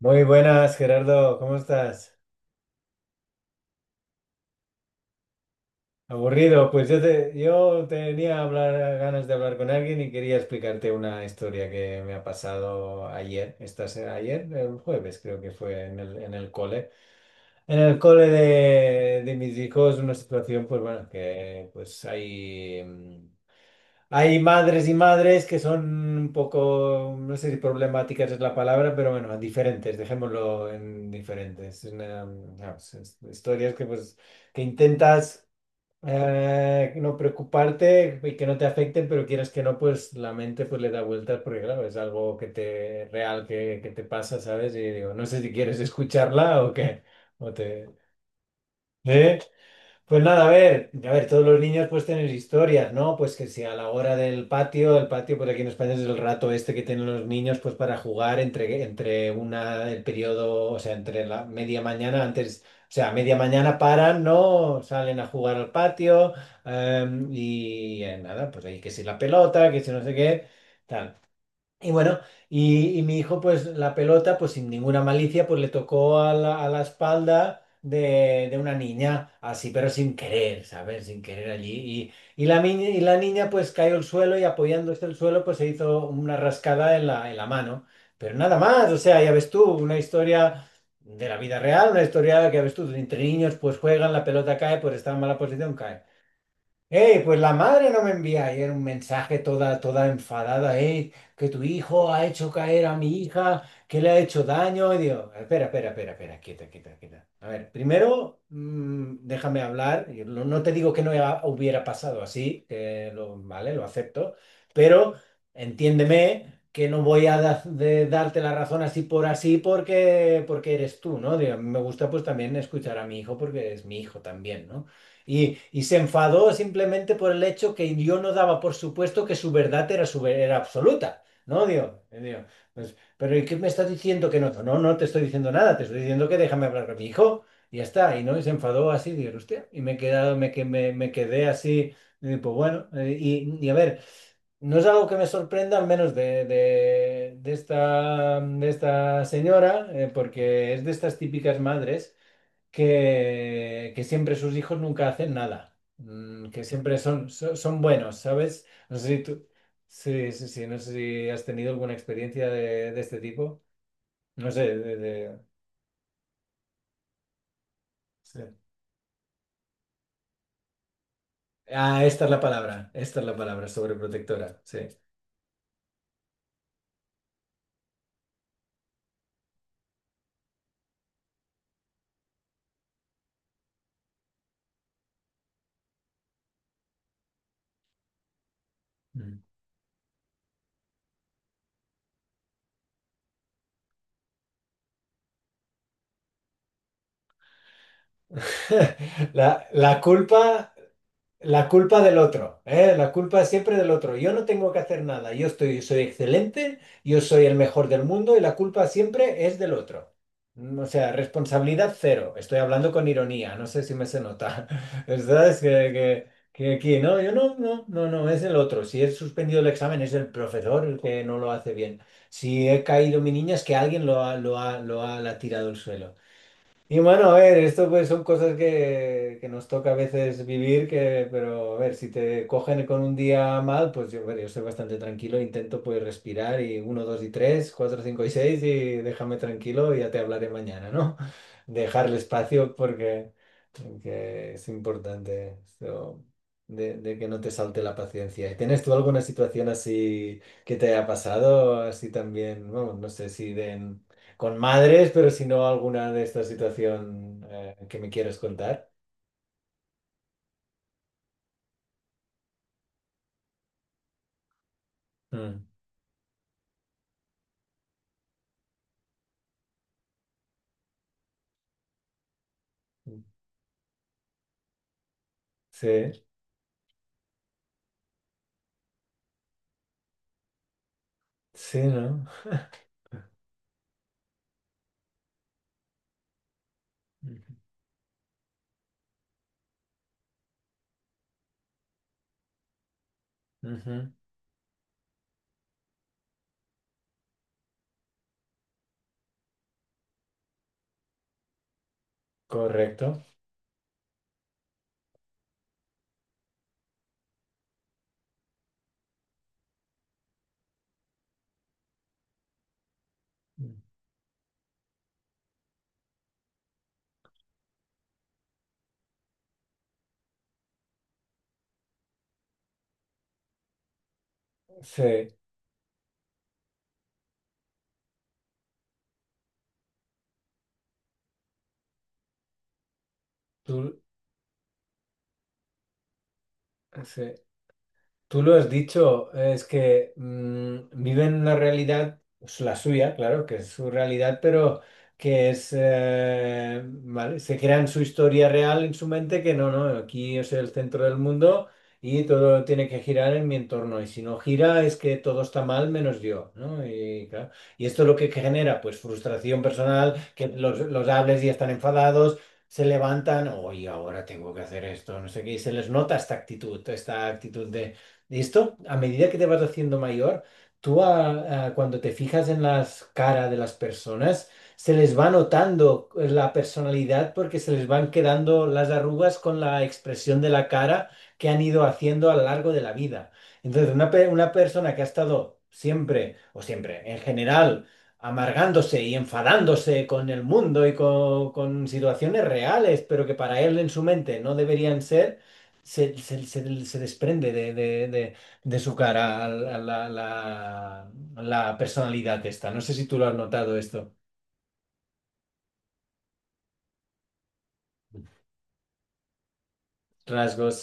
Muy buenas, Gerardo, ¿cómo estás? Aburrido, pues yo, yo tenía ganas de hablar con alguien y quería explicarte una historia que me ha pasado ayer, esta, ayer, el jueves creo que fue en el cole. En el cole de mis hijos, una situación, pues bueno, que pues hay madres y madres que son un poco, no sé si problemáticas es la palabra, pero bueno, diferentes, dejémoslo en diferentes. Es vamos, historias que, pues, que intentas no preocuparte y que no te afecten, pero quieras que no, pues la mente pues, le da vueltas porque, claro, es algo que te, real que te pasa, ¿sabes? Y digo, no sé si quieres escucharla o qué. O te, ¿Eh? Pues nada, a ver, todos los niños pues tienen historias, ¿no? Pues que si a la hora del patio, el patio por aquí en España es el rato este que tienen los niños pues para jugar entre, el periodo, o sea, entre la media mañana, antes, o sea, a media mañana paran, ¿no? Salen a jugar al patio y nada, pues ahí que si la pelota, que si no sé qué, tal. Y bueno, y mi hijo, pues la pelota, pues sin ninguna malicia, pues le tocó a la, espalda de una niña, así, pero sin querer, ¿sabes? Sin querer allí. Y la niña, pues cayó al suelo y apoyándose el suelo, pues se hizo una rascada en la mano. Pero nada más, o sea, ya ves tú, una historia de la vida real, una historia que ya ves tú, entre niños, pues juegan, la pelota cae, pues está en mala posición, cae. Ey, pues la madre no me envía ayer un mensaje toda, toda enfadada, ey, que tu hijo ha hecho caer a mi hija, que le ha hecho daño. Y digo, espera, espera, espera, espera, quieta, quieta, quieta. A ver, primero, déjame hablar. Yo no te digo que no hubiera pasado así, que lo, vale, lo acepto, pero entiéndeme que no voy a de darte la razón así por así porque, eres tú, ¿no? Digo, me gusta pues también escuchar a mi hijo porque es mi hijo también, ¿no? Y se enfadó simplemente por el hecho que yo no daba por supuesto que su verdad era, era absoluta, ¿no? Digo, pues, pero ¿y qué me estás diciendo que no? No, no te estoy diciendo nada, te estoy diciendo que déjame hablar con mi hijo y ya está. Y no, y se enfadó así, digo, hostia, y me he quedado, me, me quedé así, y, pues bueno, y a ver, no es algo que me sorprenda, al menos de esta señora, porque es de estas típicas madres que siempre sus hijos nunca hacen nada, que siempre son buenos, ¿sabes? No sé si tú, sí, sí, sí, no sé si has tenido alguna experiencia de este tipo. No sé, sí. Ah, esta es la palabra, esta es la palabra, sobreprotectora, sí. Mm. La culpa. La culpa del otro, ¿eh? La culpa es siempre del otro. Yo no tengo que hacer nada. Yo estoy, soy excelente, yo soy el mejor del mundo y la culpa siempre es del otro. O sea, responsabilidad cero. Estoy hablando con ironía, no sé si me se nota. ¿Verdad? Es que aquí, no, yo no, no, no, no, es el otro. Si he suspendido el examen, es el profesor el que no lo hace bien. Si he caído mi niña, es que alguien la ha tirado al suelo. Y bueno, a ver, esto pues son cosas que nos toca a veces vivir, pero a ver, si te cogen con un día mal, pues yo, bueno, yo soy bastante tranquilo, intento pues respirar y uno, dos y tres, cuatro, cinco y seis y déjame tranquilo y ya te hablaré mañana, ¿no? Dejarle espacio porque, es importante esto de que no te salte la paciencia. ¿Y tienes tú alguna situación así que te haya pasado, así también, bueno, no sé si de con madres, pero si no alguna de esta situación que me quieres contar. Mm. Sí, sí, ¿no? Ujú, ujú, correcto. Sí, tú, sí. Tú lo has dicho, es que viven una realidad, pues, la suya, claro, que es su realidad, pero que es, ¿vale? Se crean su historia real en su mente, que no, no, aquí es el centro del mundo y todo tiene que girar en mi entorno, y si no gira es que todo está mal menos yo, ¿no? Y, claro, y esto lo que genera, pues frustración personal, que los hables y están enfadados. Se levantan, hoy ahora tengo que hacer esto, no sé qué, y se les nota esta actitud de ¿listo? A medida que te vas haciendo mayor, tú cuando te fijas en las caras de las personas, se les va notando la personalidad porque se les van quedando las arrugas con la expresión de la cara que han ido haciendo a lo largo de la vida. Entonces, una persona que ha estado siempre, o siempre, en general, amargándose y enfadándose con el mundo y con situaciones reales, pero que para él en su mente no deberían ser se desprende de su cara a la, la- la- la personalidad esta. No sé si tú lo has notado esto. Rasgos.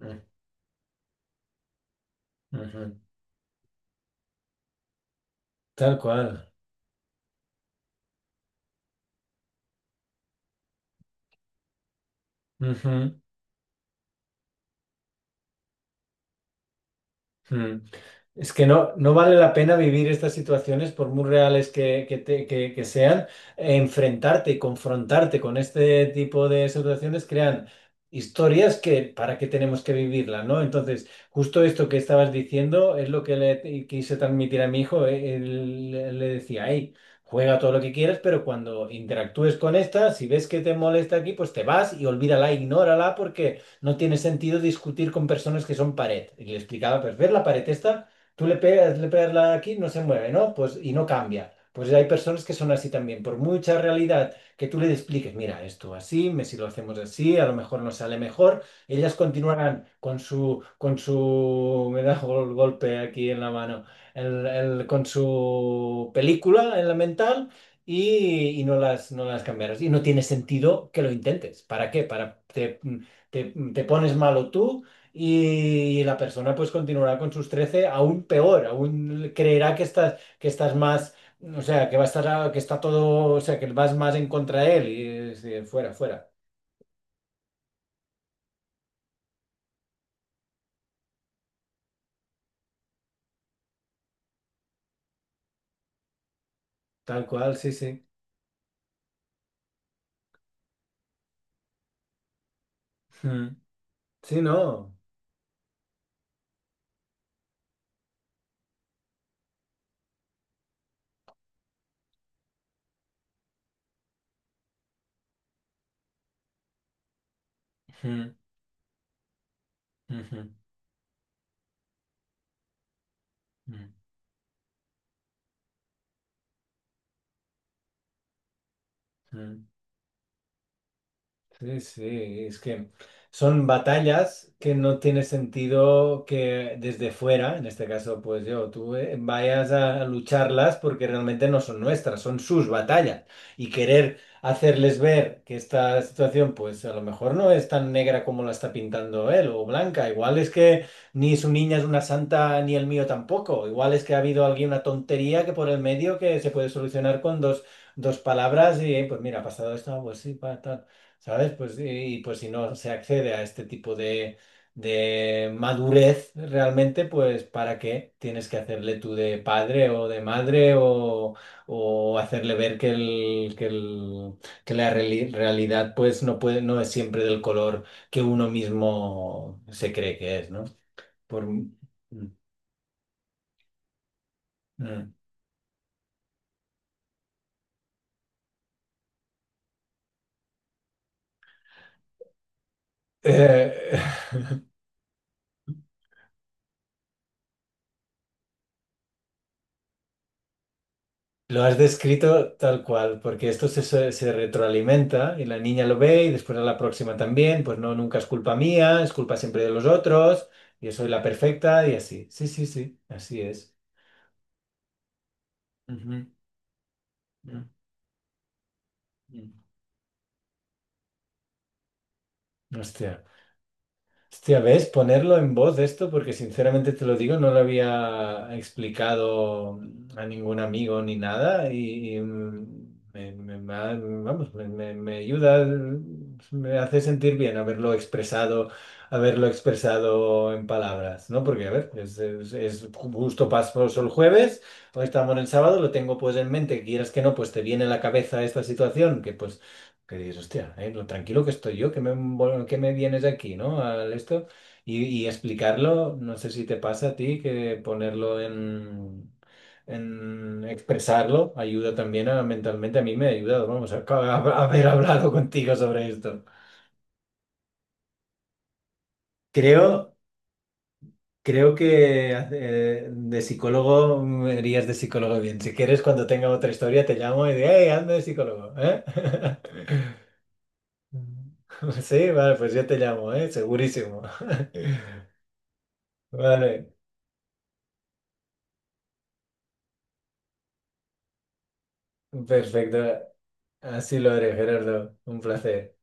Mm, ujú. Tal cual. Ujú. Mm. Es que no, no vale la pena vivir estas situaciones, por muy reales que- te- que sean, enfrentarte y confrontarte con este tipo de situaciones crean historias que para qué tenemos que vivirla, ¿no? Entonces, justo esto que estabas diciendo es lo que le quise transmitir a mi hijo. Él, le decía, hey, juega todo lo que quieras, pero cuando interactúes con esta, si ves que te molesta aquí, pues te vas y olvídala, ignórala, no tiene sentido discutir con personas que son pared. Y le explicaba, pues ver la pared esta, tú le pegas la aquí, no se mueve, ¿no? Pues y no cambia. Pues hay personas que son así también. Por mucha realidad que tú le expliques, mira, esto así, si lo hacemos así, a lo mejor nos sale mejor, ellas continuarán con su, me da un golpe aquí en la mano, con su película en la mental y no las cambiarás. Y no tiene sentido que lo intentes. ¿Para qué? Para, te pones malo tú y la persona pues continuará con sus 13 aún peor, aún creerá que estás más, o sea, que va a estar, que está todo, o sea, que vas más en contra de él y, sí, fuera, fuera. Tal cual, sí, sí. Mm. Sí, no. Mm, ujú, mm, mm. Sí, sí, es que son batallas que no tiene sentido que desde fuera, en este caso pues yo, tú, vayas a lucharlas porque realmente no son nuestras, son sus batallas. Y querer hacerles ver que esta situación pues a lo mejor no es tan negra como la está pintando él o blanca, igual es que ni su niña es una santa ni el mío tampoco, igual es que ha habido alguien, una tontería que por el medio que se puede solucionar con dos palabras y pues mira, ha pasado esto, ah, pues sí, pa, tal. ¿Sabes? Pues, y pues si no se accede a este tipo de madurez realmente, pues ¿para qué tienes que hacerle tú de padre o de madre o hacerle ver que la realidad pues no puede, no es siempre del color que uno mismo se cree que es, ¿no? Por. Mm. Mm. Eh, Lo has descrito tal cual, porque esto se, se retroalimenta y la niña lo ve y después a la próxima también, pues no, nunca es culpa mía, es culpa siempre de los otros, yo soy la perfecta y así. Sí, sí, sí, así es. Ujú, ujú. Hostia. Hostia, ¿ves? Ponerlo en voz esto, porque sinceramente te lo digo, no lo había explicado a ningún amigo ni nada y, me, me- me ha- vamos, me- me ayuda, me hace sentir bien haberlo expresado en palabras, ¿no? Porque, a ver, es justo paso el jueves, hoy estamos en el sábado, lo tengo pues en mente, quieras que no, pues te viene a la cabeza esta situación, que pues. Que dices, hostia, lo tranquilo que estoy yo, que me vienes aquí, ¿no? Al esto. Y explicarlo, no sé si te pasa a ti, que ponerlo en, expresarlo ayuda también a, mentalmente. A mí me ha ayudado, vamos, haber hablado contigo sobre esto. Creo, creo que de psicólogo me irías de psicólogo bien. Si quieres, cuando tenga otra historia, te llamo y digo, hey, ando de psicólogo, ¿eh? Sí, vale, pues yo te llamo, ¿eh? Segurísimo. Vale, perfecto. Así lo haré, Gerardo. Un placer.